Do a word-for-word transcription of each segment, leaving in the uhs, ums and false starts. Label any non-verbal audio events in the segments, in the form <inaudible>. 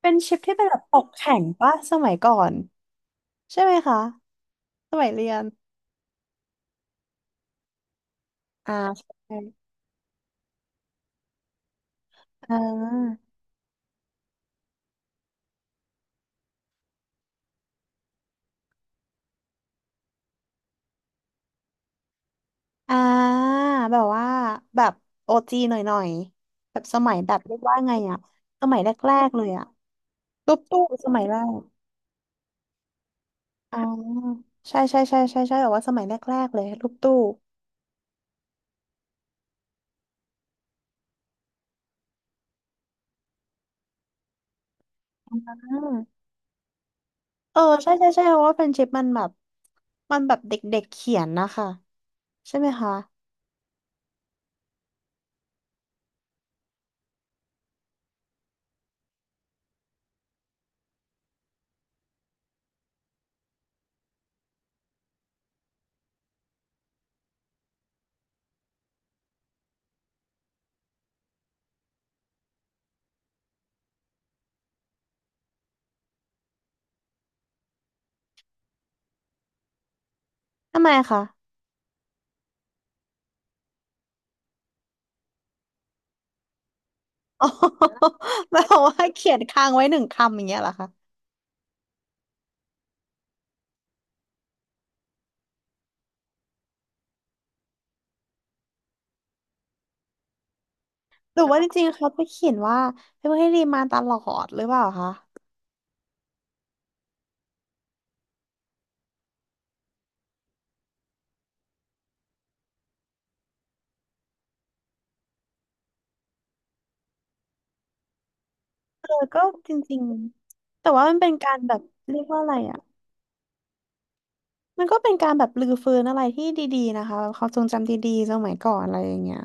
เป็นชิปที่เป็นแบบปกแข็งปะสมัยก่อนใช่ไหมคะสมัยเรียนอ่าใช่อ่าอ่าแบบว่าแบบโอจีหน่อยๆแบบสมัยแบบเรียกว่าไงอะสมัยแรกๆเลยอะรูปตู้สมัยแรกอ่าใช่ใช่ใช่ใช่ใช่แบบว่าสมัยแรกๆเลยรูปตู้อ่าเออใช่ใช่ใช่เพราะว่าเป็นชิปมันแบบมันแบบเด็กๆเขียนนะคะใช่ไหมคะทำไมคะอ๋อ <laughs> แบบว่าเขียนค้างไว้หนึ่งคำอย่างเงี้ยเหรอคะ หรือว่าจริงๆเขาไปเขียนว่าเป็นผู้ให้ดีมาตลอดหรือเปล่าคะเออก็จริงๆแต่ว่ามันเป็นการแบบเรียกว่าอะไรอ่ะมันก็เป็นการแบบรื้อฟื้นอะไรที่ดีๆนะคะแบบความทรงจำดีๆสมัยก่อนอะไรอย่างเงี้ย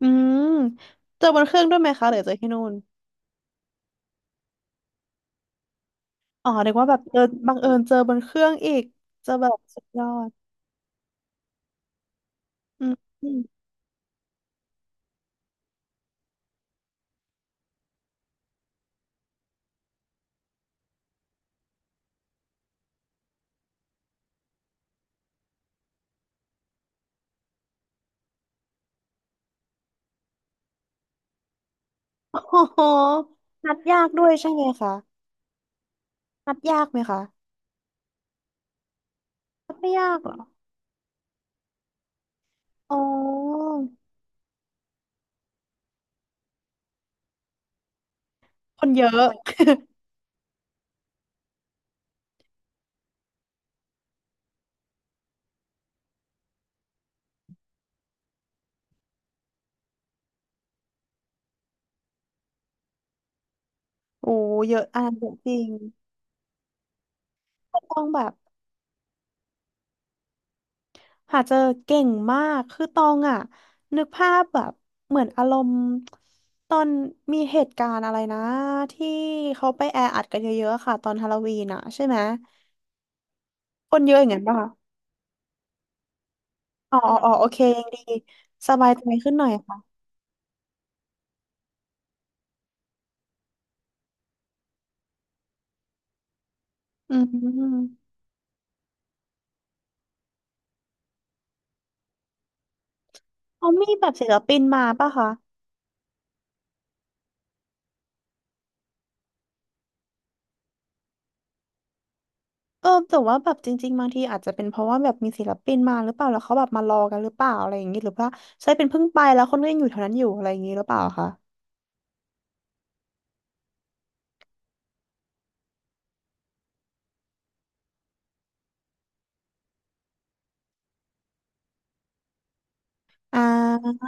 อืมเจอบนเครื่องด้วยไหมคะหรือเจอที่นู่นอ๋อเรียกว่าแบบเจอบังเอิญเจอบนเครื่องอีกเจอแบบสุดยอดอืมอืม <laughs> โอ้โหนัดยากด้วยใช่ไหมคะนัดยากไหมคะนัดไม่ยากเหรออ๋อคนเยอะ <laughs> โอ้เยอะอันเยอะจริงก็ตองแบบหาเจอเก่งมาก คือตองอ่ะนึกภาพแบบเหมือนอารมณ์ตอนมีเหตุการณ์อะไรนะที่เขาไปแออัดกันเยอะๆค่ะตอนฮาโลวีนอ่ะใช่ไหมคนเยอะอย่างนั้นป่ะอ๋ออ๋ออ๋อโอเคยังดีสบายใจขึ้นหน่อยค่ะอืมเขามีแบบศิลปินมาป่ะคะ เออแต่ว่าแบบจริงๆบางทีอาจจะเป็นเพราะว่าแบบมีศิลปินมาหรือเปล่าแล้วเขาแบบมารอกันหรือเปล่าอะไรอย่างงี้หรือว่าใช่เป็นเพิ่งไปแล้วคนก็ยังอยู่แถวนั้นอยู่อะไรอย่างงี้หรือเปล่าคะอ่า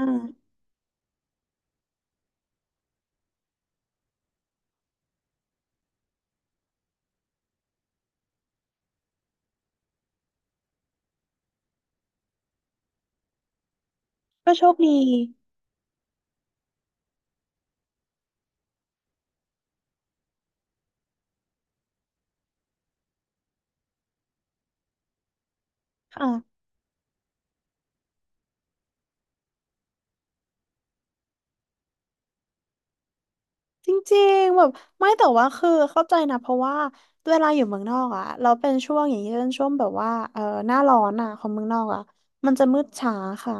ก็โชคดีค่ะจริงๆแบบไม่แต่ว่าคือเข้าใจนะเพราะว่าเวลาอยู่เมืองนอกอ่ะเราเป็นช่วงอย่างนี้เป็นช่วงแบบว่าเออหน้าร้อนอ่ะของเมืองนอกอ่ะมันจะมืดช้าค่ะ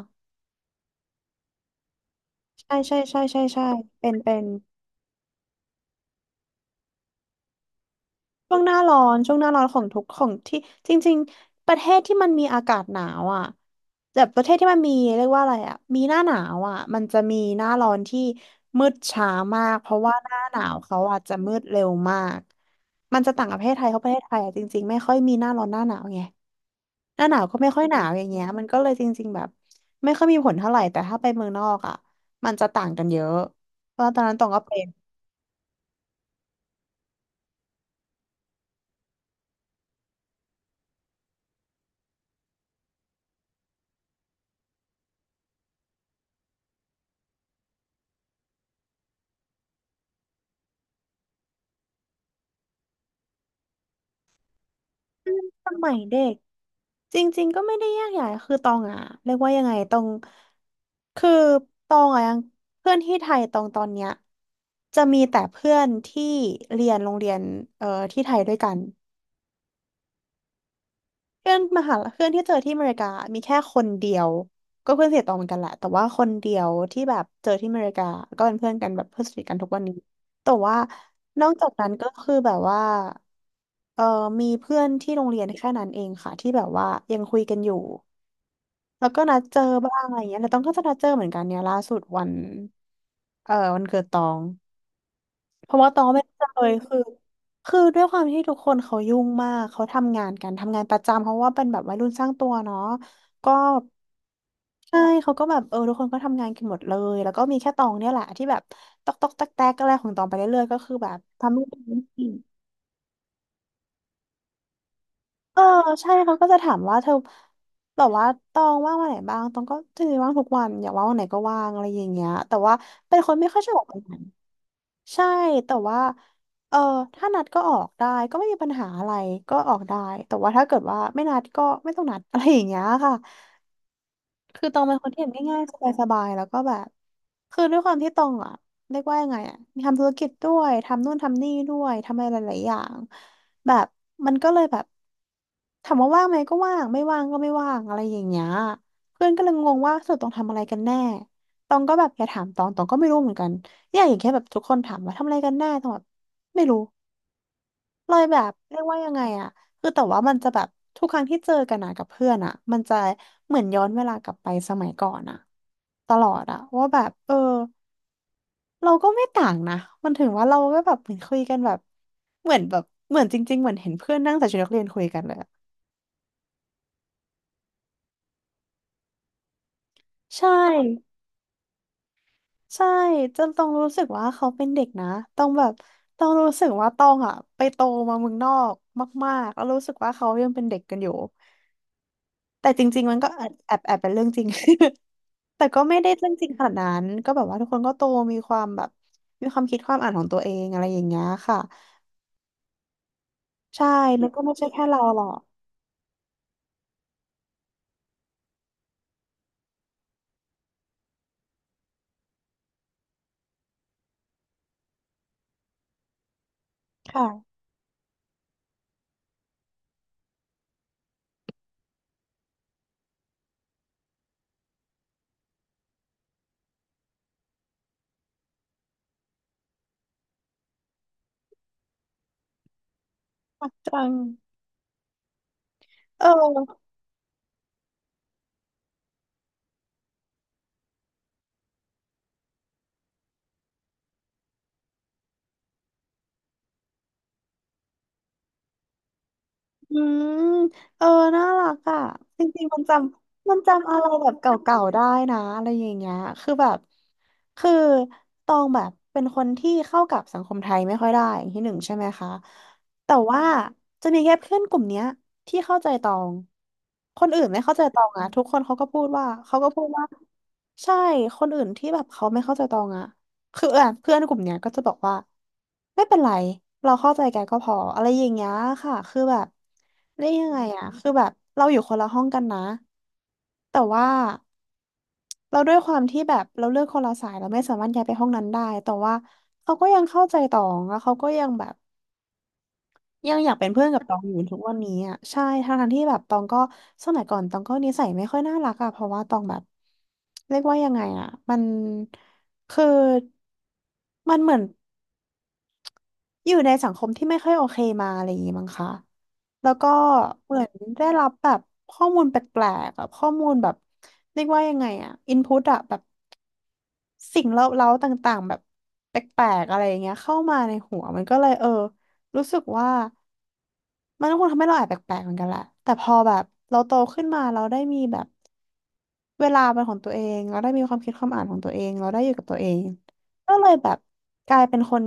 ใช่ใช่ใช่ใช่ใช่เป็นเป็น ช่วงหน้าร้อนช่วงหน้าร้อนของทุกของที่จริงๆประเทศที่มันมีอากาศหนาวอ่ะแบบประเทศที่มันมีเรียกว่าอะไรอ่ะมีหน้าหนาวอ่ะมันจะมีหน้าร้อนที่มืดช้ามากเพราะว่าหน้าหนาวเขาอาจจะมืดเร็วมากมันจะต่างกับประเทศไทยเพราะประเทศไทยอ่ะจริงๆไม่ค่อยมีหน้าร้อนหน้าหนาวไงหน้าหนาวก็ไม่ค่อยหนาวอย่างเงี้ยมันก็เลยจริงๆแบบไม่ค่อยมีผลเท่าไหร่แต่ถ้าไปเมืองนอกอ่ะมันจะต่างกันเยอะเพราะตอนนั้นตองก็เป็น อืมสมัยเด็กจริงๆก็ไม่ได้ยากใหญ่คือตองอ่ะเรียกว่ายังไงตองคือตองอ่ะยังเพื่อนที่ไทยตองตอนเนี้ยจะมีแต่เพื่อนที่เรียนโรงเรียนเอ่อที่ไทยด้วยกัน เพื่อนมหาลัยเพื่อนที่เจอที่อเมริกามีแค่คนเดียวก็เพื่อนสนิทตองเหมือนกันแหละแต่ว่าคนเดียวที่แบบเจอที่อเมริกาก็เป็นเพื่อนกันแบบเพื่อนสนิทกันทุกวันนี้แต่ว่านอกจากนั้นก็คือแบบว่าเออมีเพื่อนที่โรงเรียนแค่นั้นเองค่ะที่แบบว่ายังคุยกันอยู่แล้วก็นัดเจอบ้างอะไรเงี้ยแต่ต้องก็จะนัดเจอเหมือนกันเนี่ยล่าสุดวันเออวันเกิดตอง เพราะว่าตองไม่ได้เลยคือคือด้วยความที่ทุกคนเขายุ่งมากเขาทำงานกันทำงานประจำเพราะว่าเป็นแบบวัยรุ่นสร้างตัวเนาะก็ใช่เขาก็แบบเออทุกคนก็ทำงานกันหมดเลยแล้วก็มีแค่ตองเนี่ยแหละที่แบบตอกตอกแตกแตกอะไรของตองไปเรื่อยๆก็คือแบบทำไม่เป็น เออใช่เขาก็จะถามว่าเธอแบบว่าตองว่างวันไหนบ้างตองก็จริงๆว่างทุกวันอยากว่างวันไหนก็ว่างอะไรอย่างเงี้ยแต่ว่าเป็นคนไม่ค่อยชอบออกไปไหนใช่แต่ว่าเออถ้านัดก็ออกได้ก็ไม่มีปัญหาอะไรก็ออกได้แต่ว่าถ้าเกิดว่าไม่นัดก็ไม่ต้องนัดอะไรอย่างเงี้ยค่ะ คือตองเป็นคนที่แบบง่ายๆสบายๆแล้วก็แบบคือด้วยความที่ตองอ่ะเรียกว่ายังไงอ่ะมีทำธุรกิจด้วยทำนู่นทำนี่ด้วยทำอะไรหลายๆอย่างแบบมันก็เลยแบบถามว่าว่างไหมก็ว่างไม่ว่างก็ไม่ว่างอะไรอย่างเงี้ยเพื่อนก็เลยงงว่าสรุดตองทำอะไรกันแน่ตองก็แบบอย่าถามตองตองก็ไม่รู้เหมือนกันเนี่ยอย่างแค่แบบทุกคนถามว่าทำอะไรกันแน่ตองแบบไม่รู้ เลยแบบเรียกว่ายังไงอะคือแต่ว่ามันจะแบบทุกครั้งที่เจอกันนะกับเพื่อนอะมันจะเหมือนย้อนเวลากลับไปสมัยก่อนอะตลอดอะว่าแบบเออเราก็ไม่ต่างนะมันถึงว่าเราก็แบบเหมือนคุยกันแบบเหมือนแบบเหมือนจริงๆเหมือนเห็นเพื่อนนั่งใส่ชุดนักเรียนคุยกันเลยอะใช่ใช่จนต้องรู้สึกว่าเขาเป็นเด็กนะต้องแบบต้องรู้สึกว่าต้องอะไปโตมาเมืองนอกมากๆแล้วรู้สึกว่าเขายังเป็นเด็กกันอยู่แต่จริงๆมันก็แอบแอบแอบเป็นเรื่องจริง <laughs> แต่ก็ไม่ได้เรื่องจริงขนาดนั้นก็แบบว่าทุกคนก็โตมีความแบบมีความคิดความอ่านของตัวเองอะไรอย่างเงี้ยค่ะใช่แล้วก็ไม่ใช่แค่เราหรอกค่ะมักจังเออ อืมเออน่ารักอ่ะจริงๆมันจำมันจำอะไรแบบเก่าๆได้นะอะไรอย่างเงี้ยคือแบบคือตองแบบเป็นคนที่เข้ากับสังคมไทยไม่ค่อยได้อย่างที่หนึ่งใช่ไหมคะแต่ว่าจะมีแค่เพื่อนกลุ่มเนี้ยที่เข้าใจตองคนอื่นไม่เข้าใจตองอะทุกคนเขาก็พูดว่าเขาก็พูดว่าใช่คนอื่นที่แบบเขาไม่เข้าใจตองอะ คืออ่ะเพื่อนกลุ่มเนี้ยก็จะบอกว่าไม่เป็นไรเราเข้าใจกันก็พออะไรอย่างเงี้ยค่ะคือแบบได้ยังไงมอ่ะคือแบบเราอยู่คนละห้องกันนะแต่ว่าเราด้วยความที่แบบเราเลือกคนละสายเราไม่สามารถย้ายไปห้องนั้นได้แต่ว่าเขาก็ยังเข้าใจต่อแล้วเขาก็ยังแบบ ยังอยากเป็นเพื่อนกับตองอยู่ทุกวันนี้อ่ะใช่ทั้งทที่แบบตองก็สมัยก่อนตองก็นิสัยไม่ค่อยน่ารักอ่ะเพราะว่าตองแบบเรียกว่ายังไงอ่ะมันคือมันเหมือนอยู่ในสังคมที่ไม่ค่อยโอเคมาอะไรอย่างงี้มั้งคะแล้วก็เหมือนได้รับแบบข้อมูลแปลกๆอะข้อมูลแบบเรียกว่ายังไงอ่ะอินพุตอะแบบสิ่งเล้าๆต่างๆแบบแปลกๆอะไรอย่างเงี้ยเข้ามาในหัวมันก็เลยเออรู้สึกว่า มันก็คงทำให้เราแอบแปลกๆเหมือนกันแหละแต่พอแบบเราโตขึ้นมาเราได้มีแบบเวลาเป็นของตัวเองเราได้มีความคิดความอ่านของตัวเองเราได้อยู่กับตัวเองก็เลยแบบกลายเป็นคน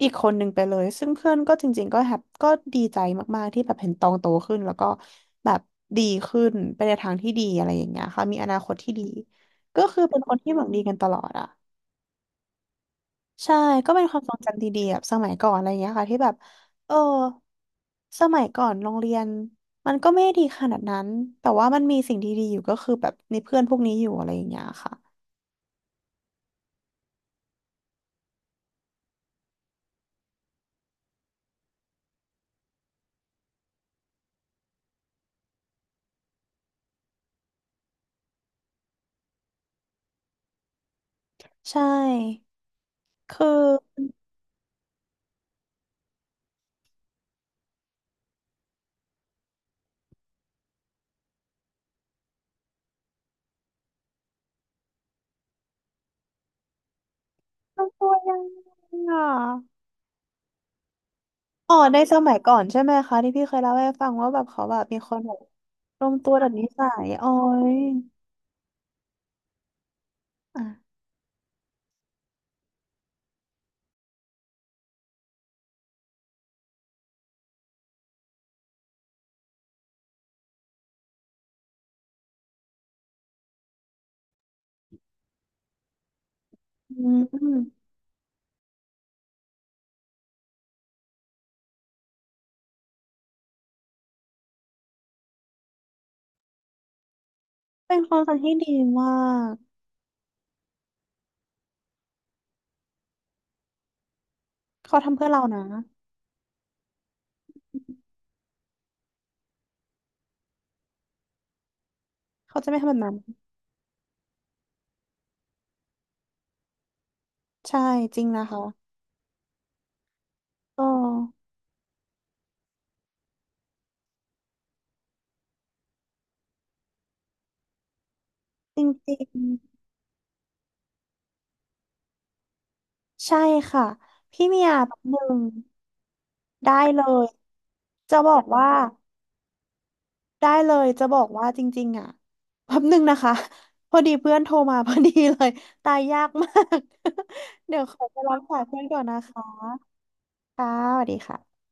อีกคนหนึ่งไปเลยซึ่งเพื่อนก็จริงๆก็แฮปก็ดีใจมากๆที่แบบเห็นตองโตขึ้นแล้วก็แบบดีขึ้นไปในทางที่ดีอะไรอย่างเงี้ยค่ะมีอนาคตที่ดีก็คือเป็นคนที่หวังดีกันตลอดอะ ใช่ก็เป็นความทรงจำดีๆแบบสมัยก่อนอะไรอย่างเงี้ยค่ะที่แบบเออสมัยก่อนโรงเรียนมันก็ไม่ได้ดีขนาดนั้นแต่ว่ามันมีสิ่งดีๆอยู่ก็คือแบบในเพื่อนพวกนี้อยู่อะไรอย่างเงี้ยค่ะใช่คือมันตัวยยังไงอ่ะอ๋อในสมัยก่อนใช่ไหมคะที่พี่เคยเล่าให้ฟังว่าแบบเขาแบบมีคนแบบรวมตัวแบบนิสัยอ๋อยอ่ะอืมเป็นความสัมพันธ์ที่ดีมากเขาทำเพื่อเรานะเขาจะไม่ทำแบบนั้นใช่จริงนะคะ อ๋อจริงๆใช่ค่ะพี่เมียแป๊บหนึ่งได้เลยจะบอกว่าได้เลยจะบอกว่าจริงๆอ่ะแป๊บหนึ่งนะคะพอดีเพื่อนโทรมาพอดีเลยตายยากมาก <laughs> เดี๋ยวขอไปรับสายเพื่อนก่อนนะคะค่ะสวัสดีค่ะ